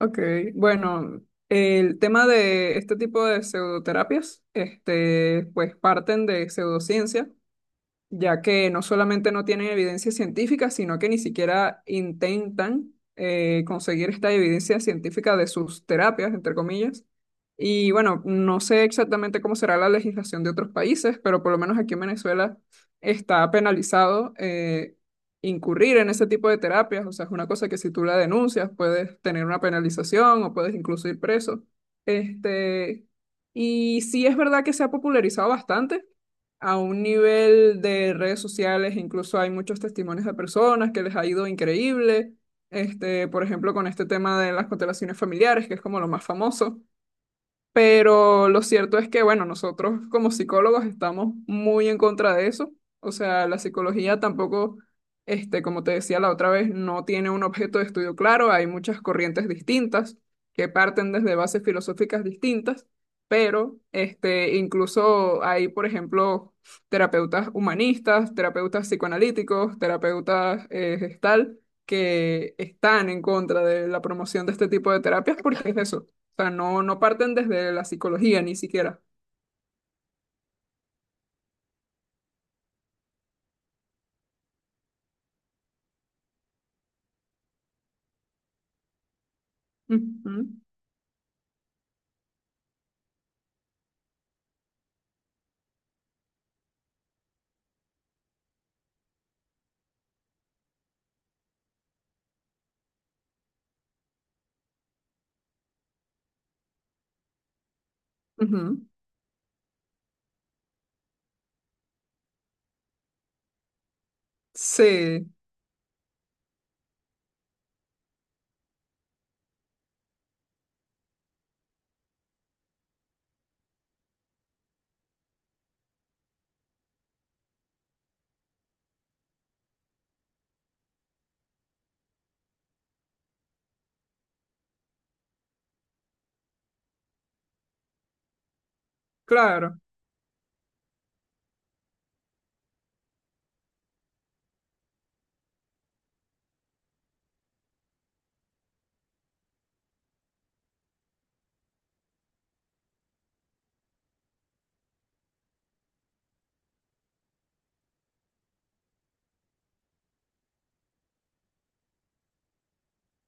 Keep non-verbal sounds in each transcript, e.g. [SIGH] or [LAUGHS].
Ok, bueno, el tema de este tipo de pseudoterapias, este, pues parten de pseudociencia ya que no solamente no tienen evidencia científica, sino que ni siquiera intentan conseguir esta evidencia científica de sus terapias, entre comillas. Y bueno, no sé exactamente cómo será la legislación de otros países, pero por lo menos aquí en Venezuela está penalizado incurrir en ese tipo de terapias. O sea, es una cosa que si tú la denuncias puedes tener una penalización o puedes incluso ir preso. Este, y sí es verdad que se ha popularizado bastante a un nivel de redes sociales, incluso hay muchos testimonios de personas que les ha ido increíble, este, por ejemplo, con este tema de las constelaciones familiares, que es como lo más famoso. Pero lo cierto es que, bueno, nosotros como psicólogos estamos muy en contra de eso. O sea, la psicología tampoco, este, como te decía la otra vez, no tiene un objeto de estudio claro. Hay muchas corrientes distintas que parten desde bases filosóficas distintas, pero este, incluso hay, por ejemplo, terapeutas humanistas, terapeutas psicoanalíticos, terapeutas gestal, que están en contra de la promoción de este tipo de terapias porque es eso sea, no, no parten desde la psicología ni siquiera. Ujú, ujú. Sí, claro.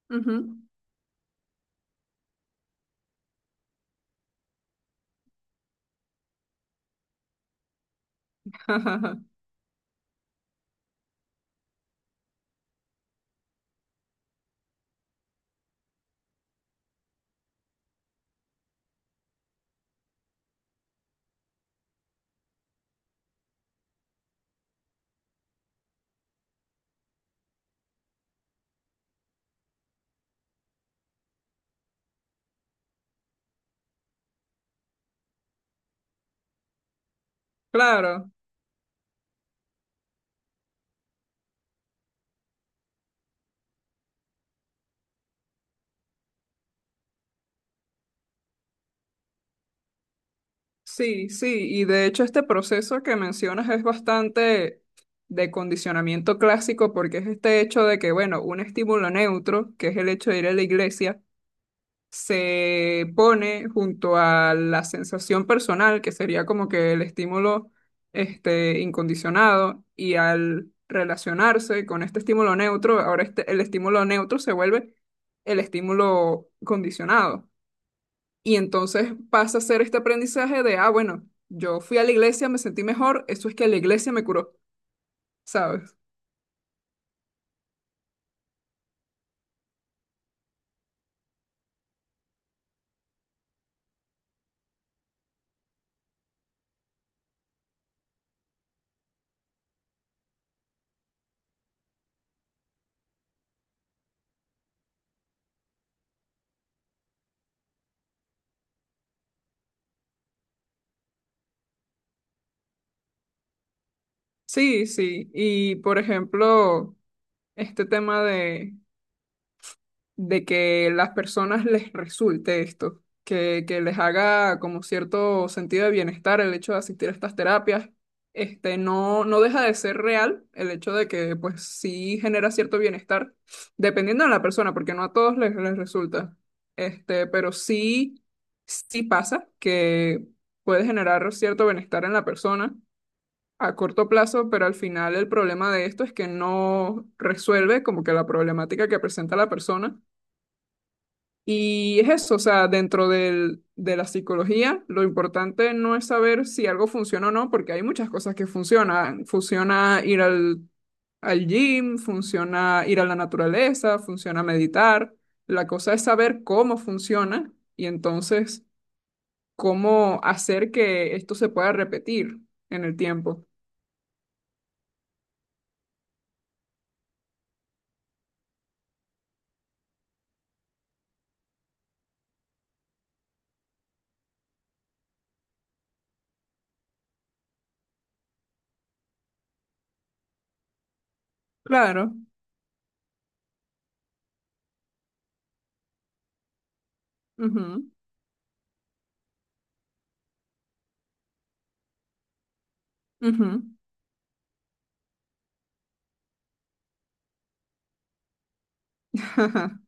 Ujú. [LAUGHS] Claro, sí, sí. Y de hecho este proceso que mencionas es bastante de condicionamiento clásico porque es este hecho de que, bueno, un estímulo neutro, que es el hecho de ir a la iglesia, se pone junto a la sensación personal, que sería como que el estímulo este, incondicionado, y al relacionarse con este estímulo neutro, ahora este, el estímulo neutro se vuelve el estímulo condicionado. Y entonces pasa a ser este aprendizaje de, ah, bueno, yo fui a la iglesia, me sentí mejor, eso es que la iglesia me curó, ¿sabes? Sí, sí. Y por ejemplo, este tema de que las personas les resulte esto, que les haga como cierto sentido de bienestar el hecho de asistir a estas terapias. Este, no, no deja de ser real el hecho de que pues sí genera cierto bienestar, dependiendo de la persona, porque no a todos les resulta. Este, pero sí, sí pasa que puede generar cierto bienestar en la persona a corto plazo, pero al final el problema de esto es que no resuelve como que la problemática que presenta la persona y es eso, o sea, dentro de la psicología, lo importante no es saber si algo funciona o no, porque hay muchas cosas que funcionan. Funciona ir al gym, funciona ir a la naturaleza, funciona meditar. La cosa es saber cómo funciona y entonces cómo hacer que esto se pueda repetir en el tiempo. Claro. Ujú, ujú. [LAUGHS]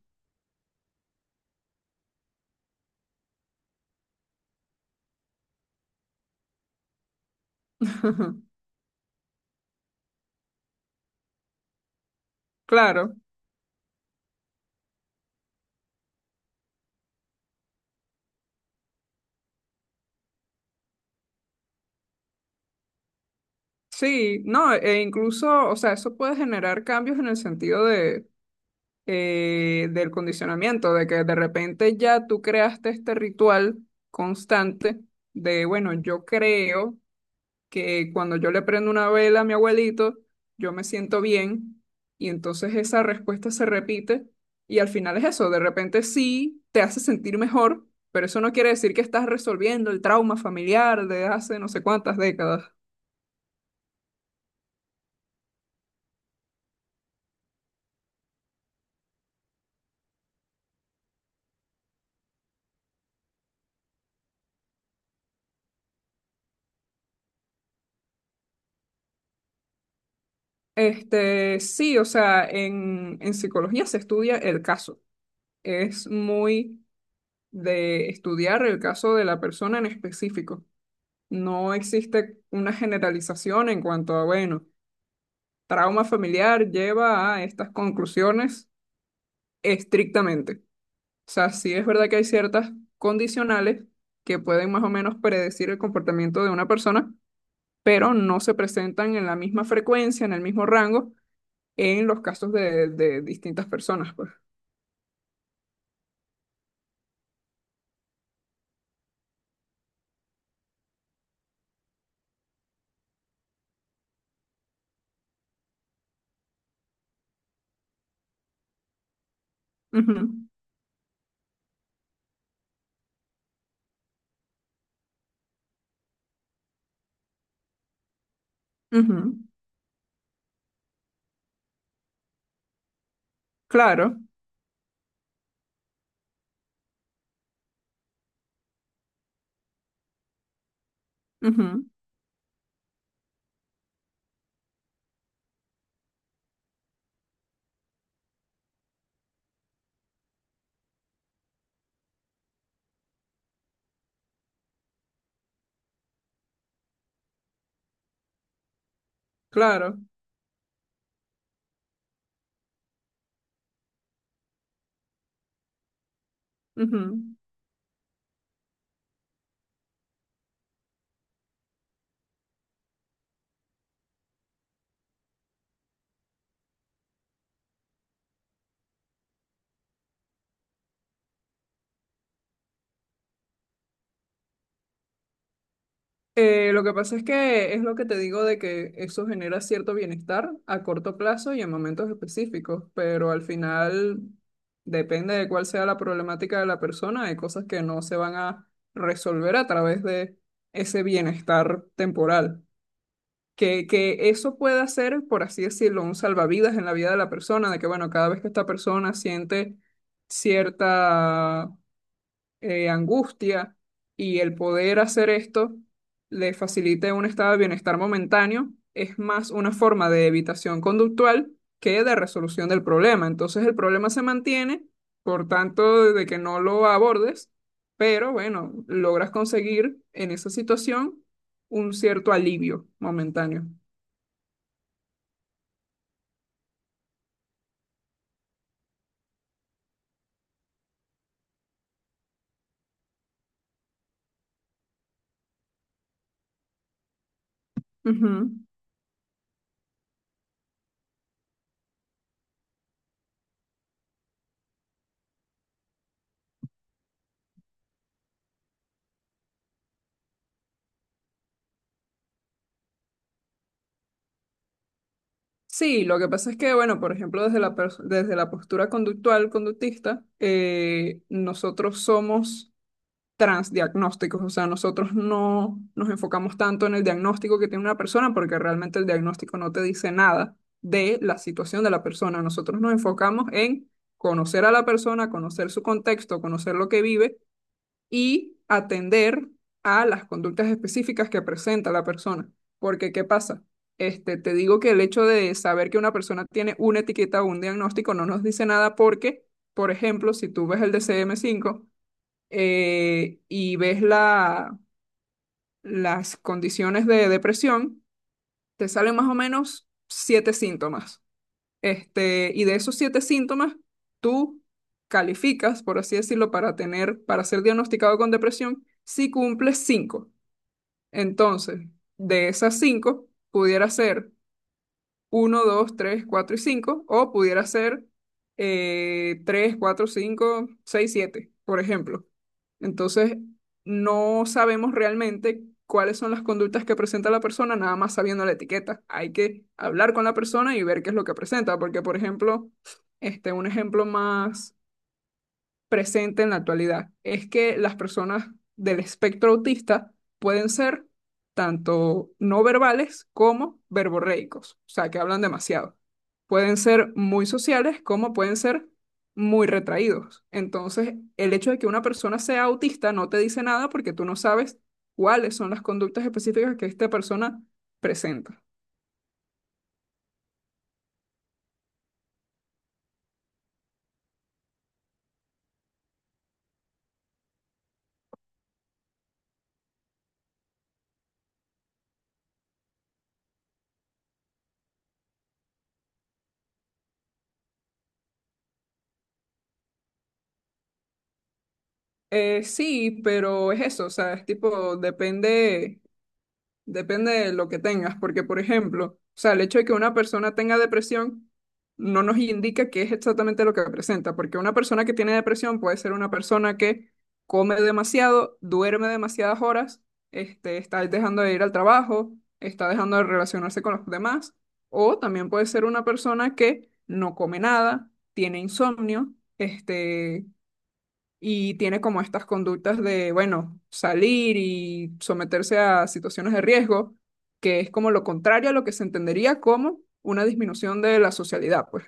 Claro. Sí, no, e incluso, o sea, eso puede generar cambios en el sentido de, del condicionamiento, de que de repente ya tú creaste este ritual constante de, bueno, yo creo que cuando yo le prendo una vela a mi abuelito, yo me siento bien, y entonces esa respuesta se repite, y al final es eso, de repente sí te hace sentir mejor, pero eso no quiere decir que estás resolviendo el trauma familiar de hace no sé cuántas décadas. Este, sí, o sea, en psicología se estudia el caso. Es muy de estudiar el caso de la persona en específico. No existe una generalización en cuanto a, bueno, trauma familiar lleva a estas conclusiones estrictamente. O sea, sí es verdad que hay ciertas condicionales que pueden más o menos predecir el comportamiento de una persona, pero no se presentan en la misma frecuencia, en el mismo rango, en los casos de distintas personas, pues. Ujú, ujú, claro, ujú, claro. Ujú. Lo que pasa es que es lo que te digo de que eso genera cierto bienestar a corto plazo y en momentos específicos, pero al final depende de cuál sea la problemática de la persona, hay cosas que no se van a resolver a través de ese bienestar temporal. Que eso pueda ser, por así decirlo, un salvavidas en la vida de la persona, de que bueno, cada vez que esta persona siente cierta angustia y el poder hacer esto le facilite un estado de bienestar momentáneo, es más una forma de evitación conductual que de resolución del problema. Entonces el problema se mantiene, por tanto, de que no lo abordes, pero bueno, logras conseguir en esa situación un cierto alivio momentáneo. Ujú. Sí, lo que pasa es que, bueno, por ejemplo, desde la postura conductual, conductista, nosotros somos transdiagnósticos, o sea, nosotros no nos enfocamos tanto en el diagnóstico que tiene una persona porque realmente el diagnóstico no te dice nada de la situación de la persona. Nosotros nos enfocamos en conocer a la persona, conocer su contexto, conocer lo que vive y atender a las conductas específicas que presenta la persona. Porque, ¿qué pasa? Este, te digo que el hecho de saber que una persona tiene una etiqueta o un diagnóstico no nos dice nada porque, por ejemplo, si tú ves el DCM5, y ves las condiciones de depresión, te salen más o menos siete síntomas. Este, y de esos siete síntomas, tú calificas, por así decirlo, para tener, para ser diagnosticado con depresión si cumples cinco. Entonces, de esas cinco, pudiera ser uno, dos, tres, 4 y 5 o pudiera ser 3, 4, 5, 6, 7, por ejemplo. Entonces, no sabemos realmente cuáles son las conductas que presenta la persona, nada más sabiendo la etiqueta. Hay que hablar con la persona y ver qué es lo que presenta, porque, por ejemplo, este, un ejemplo más presente en la actualidad, es que las personas del espectro autista pueden ser tanto no verbales como verborreicos, o sea, que hablan demasiado. Pueden ser muy sociales como pueden ser muy retraídos. Entonces, el hecho de que una persona sea autista no te dice nada porque tú no sabes cuáles son las conductas específicas que esta persona presenta. Sí, pero es eso, o sea, es tipo, depende de lo que tengas, porque por ejemplo, o sea, el hecho de que una persona tenga depresión no nos indica qué es exactamente lo que presenta, porque una persona que tiene depresión puede ser una persona que come demasiado, duerme demasiadas horas, este, está dejando de ir al trabajo, está dejando de relacionarse con los demás, o también puede ser una persona que no come nada, tiene insomnio, este, y tiene como estas conductas de, bueno, salir y someterse a situaciones de riesgo, que es como lo contrario a lo que se entendería como una disminución de la socialidad, pues.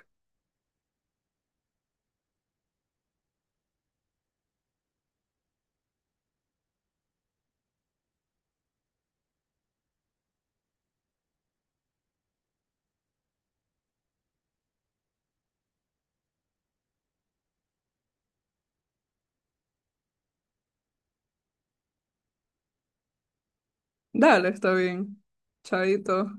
Dale, está bien. Chaito.